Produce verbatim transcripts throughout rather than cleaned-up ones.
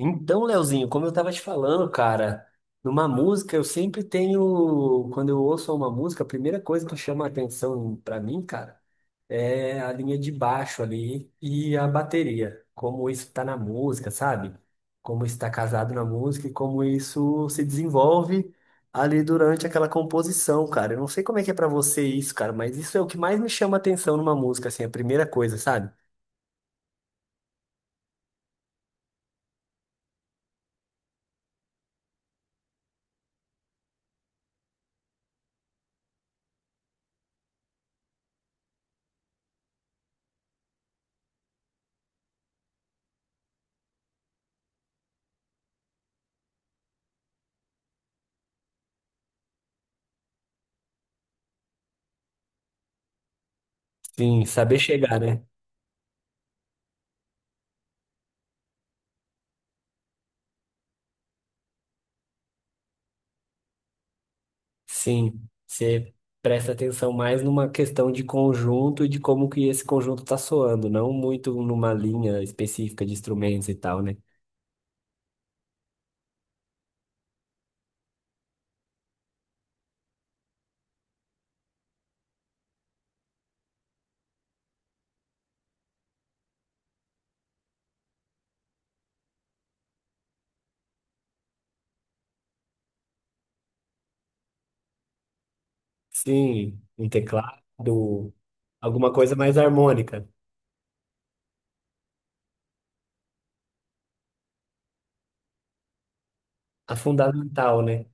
Então, Leozinho, como eu tava te falando, cara, numa música eu sempre tenho, quando eu ouço uma música, a primeira coisa que chama a atenção pra mim, cara, é a linha de baixo ali e a bateria, como isso tá na música, sabe? Como isso tá casado na música e como isso se desenvolve ali durante aquela composição, cara. Eu não sei como é que é pra você isso, cara, mas isso é o que mais me chama a atenção numa música, assim, a primeira coisa, sabe? Sim, saber chegar, né? Sim, você presta atenção mais numa questão de conjunto e de como que esse conjunto tá soando, não muito numa linha específica de instrumentos e tal, né? Sim, um teclado, alguma coisa mais harmônica, a fundamental, né?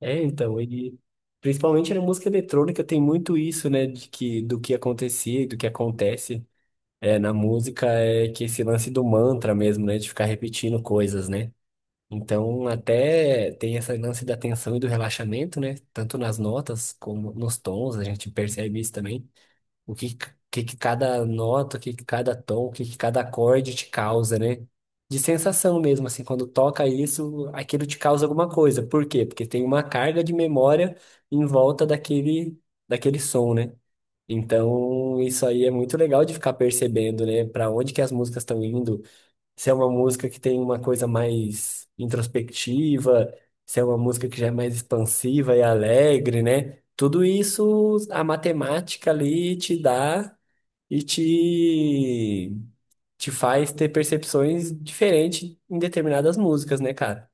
É, então, e principalmente na música eletrônica tem muito isso, né, de que do que acontecia e do que acontece é, na música é que esse lance do mantra mesmo, né, de ficar repetindo coisas, né? Então, até tem esse lance da tensão e do relaxamento, né? Tanto nas notas como nos tons, a gente percebe isso também. O que, que, que cada nota, o que, que cada tom, o que, que cada acorde te causa, né? De sensação mesmo, assim, quando toca isso, aquilo te causa alguma coisa. Por quê? Porque tem uma carga de memória em volta daquele, daquele som, né? Então, isso aí é muito legal de ficar percebendo, né? Para onde que as músicas estão indo, se é uma música que tem uma coisa mais introspectiva, se é uma música que já é mais expansiva e alegre, né? Tudo isso a matemática ali te dá e te, te faz ter percepções diferentes em determinadas músicas, né, cara?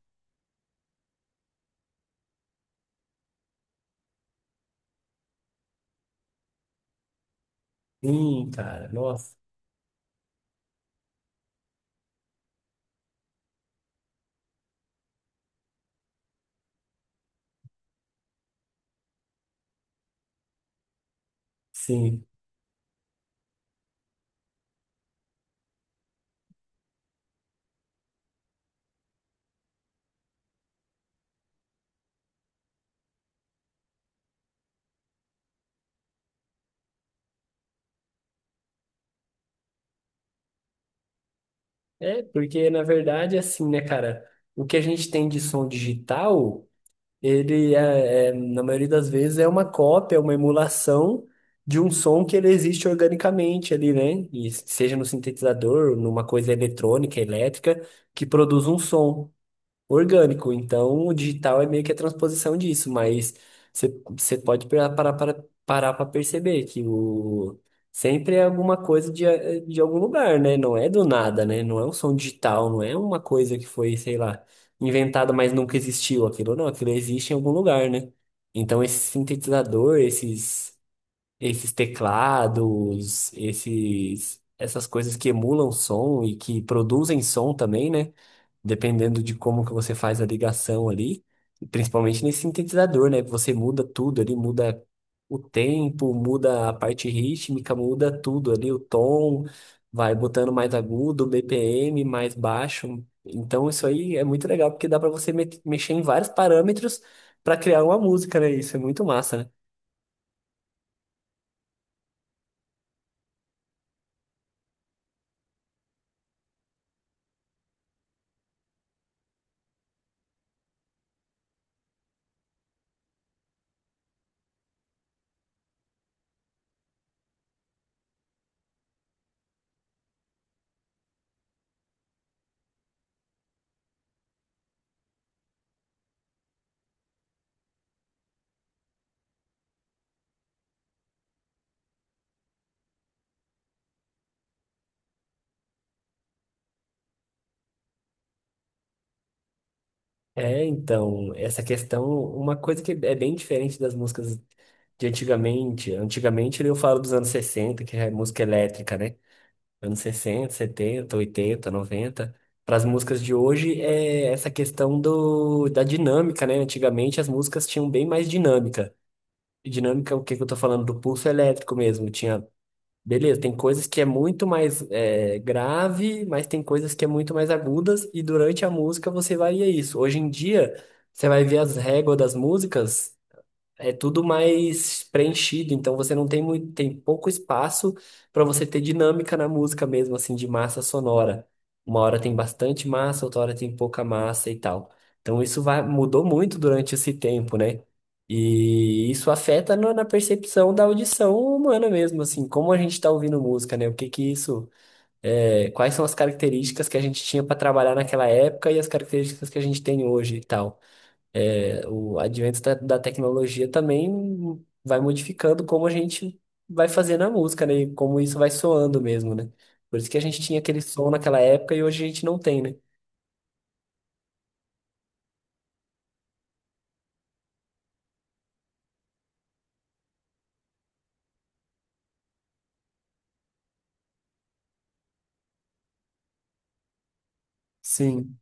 Sim, cara, nossa, sim. É, porque na verdade, assim, né, cara, o que a gente tem de som digital. Ele é, é, na maioria das vezes, é uma cópia, uma emulação de um som que ele existe organicamente ali, né? E seja no sintetizador, numa coisa eletrônica, elétrica, que produz um som orgânico. Então, o digital é meio que a transposição disso, mas você você pode parar para para- parar para perceber que o sempre é alguma coisa de, a- de algum lugar, né? Não é do nada, né? Não é um som digital, não é uma coisa que foi, sei lá, inventada, mas nunca existiu aquilo, não, aquilo existe em algum lugar, né? Então, esse sintetizador, esses esses teclados, esses essas coisas que emulam som e que produzem som também, né? Dependendo de como que você faz a ligação ali, e principalmente nesse sintetizador, né? Você muda tudo ali, muda o tempo, muda a parte rítmica, muda tudo ali, o tom, vai botando mais agudo, B P M mais baixo. Então isso aí é muito legal porque dá para você me- mexer em vários parâmetros para criar uma música, né? Isso é muito massa, né? É, então, essa questão, uma coisa que é bem diferente das músicas de antigamente. Antigamente eu falo dos anos sessenta, que é música elétrica, né? Anos sessenta, setenta, oitenta, noventa, para as músicas de hoje é essa questão do, da dinâmica, né? Antigamente as músicas tinham bem mais dinâmica. E dinâmica, o que que eu tô falando? Do pulso elétrico mesmo. Tinha, beleza, tem coisas que é muito mais é, grave, mas tem coisas que é muito mais agudas, e durante a música você varia isso. Hoje em dia, você vai ver as réguas das músicas. É tudo mais preenchido, então você não tem muito, tem pouco espaço para você ter dinâmica na música mesmo, assim, de massa sonora. Uma hora tem bastante massa, outra hora tem pouca massa e tal. Então isso vai, mudou muito durante esse tempo, né? E isso afeta no- na percepção da audição humana mesmo, assim, como a gente está ouvindo música, né? O que que isso, é, quais são as características que a gente tinha para trabalhar naquela época e as características que a gente tem hoje e tal. É, o advento da, da tecnologia também vai modificando como a gente vai fazendo a música, né? E como isso vai soando mesmo, né? Por isso que a gente tinha aquele som naquela época e hoje a gente não tem, né? Sim.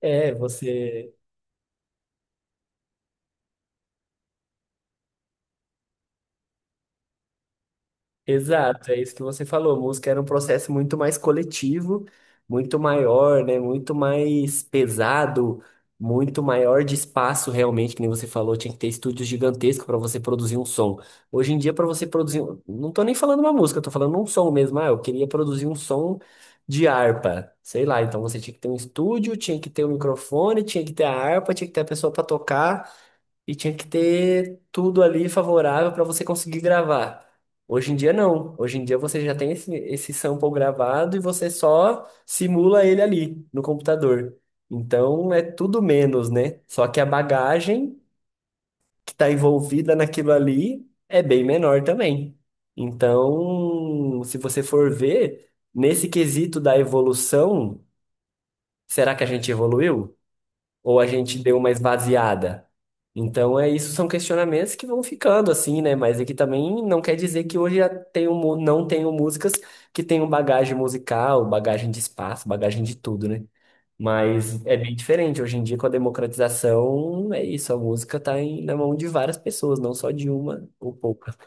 É, você. Exato, é isso que você falou. Música era um processo muito mais coletivo, muito maior, né? Muito mais pesado, muito maior de espaço realmente, que nem você falou, tinha que ter estúdios gigantescos para você produzir um som. Hoje em dia, para você produzir, um- não tô nem falando uma música, eu tô falando um som mesmo. Ah, eu queria produzir um som de harpa, sei lá. Então você tinha que ter um estúdio, tinha que ter um microfone, tinha que ter a harpa, tinha que ter a pessoa para tocar. E tinha que ter tudo ali favorável para você conseguir gravar. Hoje em dia não. Hoje em dia você já tem esse, esse sample gravado e você só simula ele ali no computador. Então é tudo menos, né? Só que a bagagem que está envolvida naquilo ali é bem menor também. Então, se você for ver, nesse quesito da evolução, será que a gente evoluiu? Ou a gente deu uma esvaziada? Então, é isso, são questionamentos que vão ficando assim, né? Mas aqui também não quer dizer que hoje já tenho, mu- não tenho músicas que tenham bagagem musical, bagagem de espaço, bagagem de tudo, né? Mas é bem diferente. Hoje em dia, com a democratização, é isso, a música está na mão de várias pessoas, não só de uma ou poucas.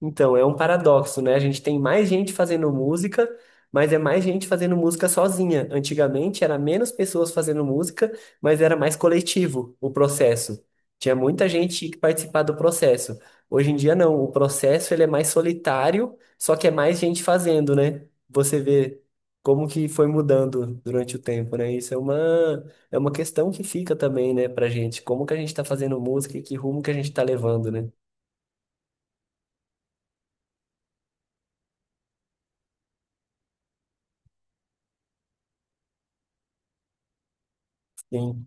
Então, é um paradoxo, né? A gente tem mais gente fazendo música, mas é mais gente fazendo música sozinha. Antigamente era menos pessoas fazendo música, mas era mais coletivo o processo. Tinha muita gente que participava do processo. Hoje em dia não, o processo ele é mais solitário, só que é mais gente fazendo, né? Você vê como que foi mudando durante o tempo, né? Isso é uma é uma questão que fica também, né, pra gente. Como que a gente tá fazendo música e que rumo que a gente tá levando, né? Sim,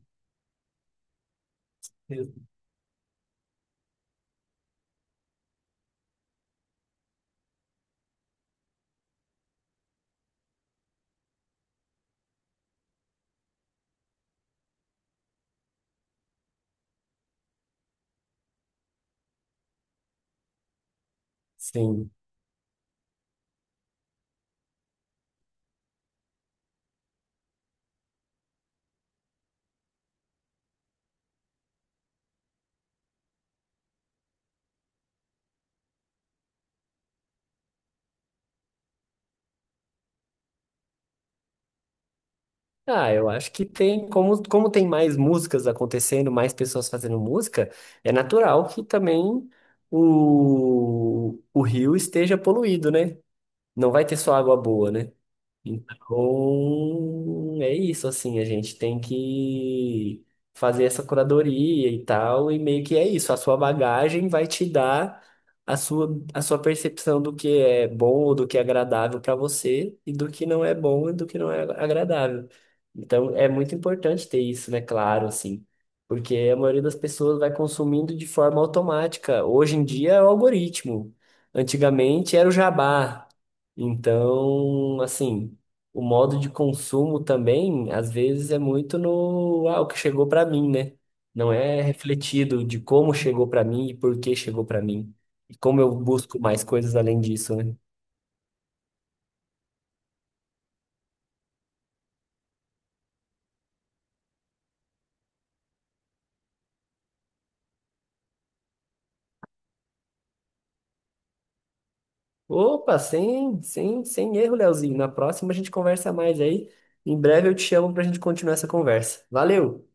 sim. Ah, eu acho que tem, como, como tem mais músicas acontecendo, mais pessoas fazendo música, é natural que também o, o rio esteja poluído, né? Não vai ter só água boa, né? Então, é isso, assim, a gente tem que fazer essa curadoria e tal, e meio que é isso, a sua bagagem vai te dar a sua, a sua percepção do que é bom ou do que é agradável para você, e do que não é bom e do que não é agradável. Então, é muito importante ter isso, né, claro, assim, porque a maioria das pessoas vai consumindo de forma automática. Hoje em dia é o algoritmo, antigamente era o jabá. Então, assim, o modo de consumo também, às vezes, é muito no, ah, o que chegou para mim, né? Não é refletido de como chegou para mim e por que chegou para mim. E como eu busco mais coisas além disso, né? Opa, sem, sem, sem erro, Leozinho. Na próxima a gente conversa mais aí. Em breve eu te chamo para a gente continuar essa conversa. Valeu!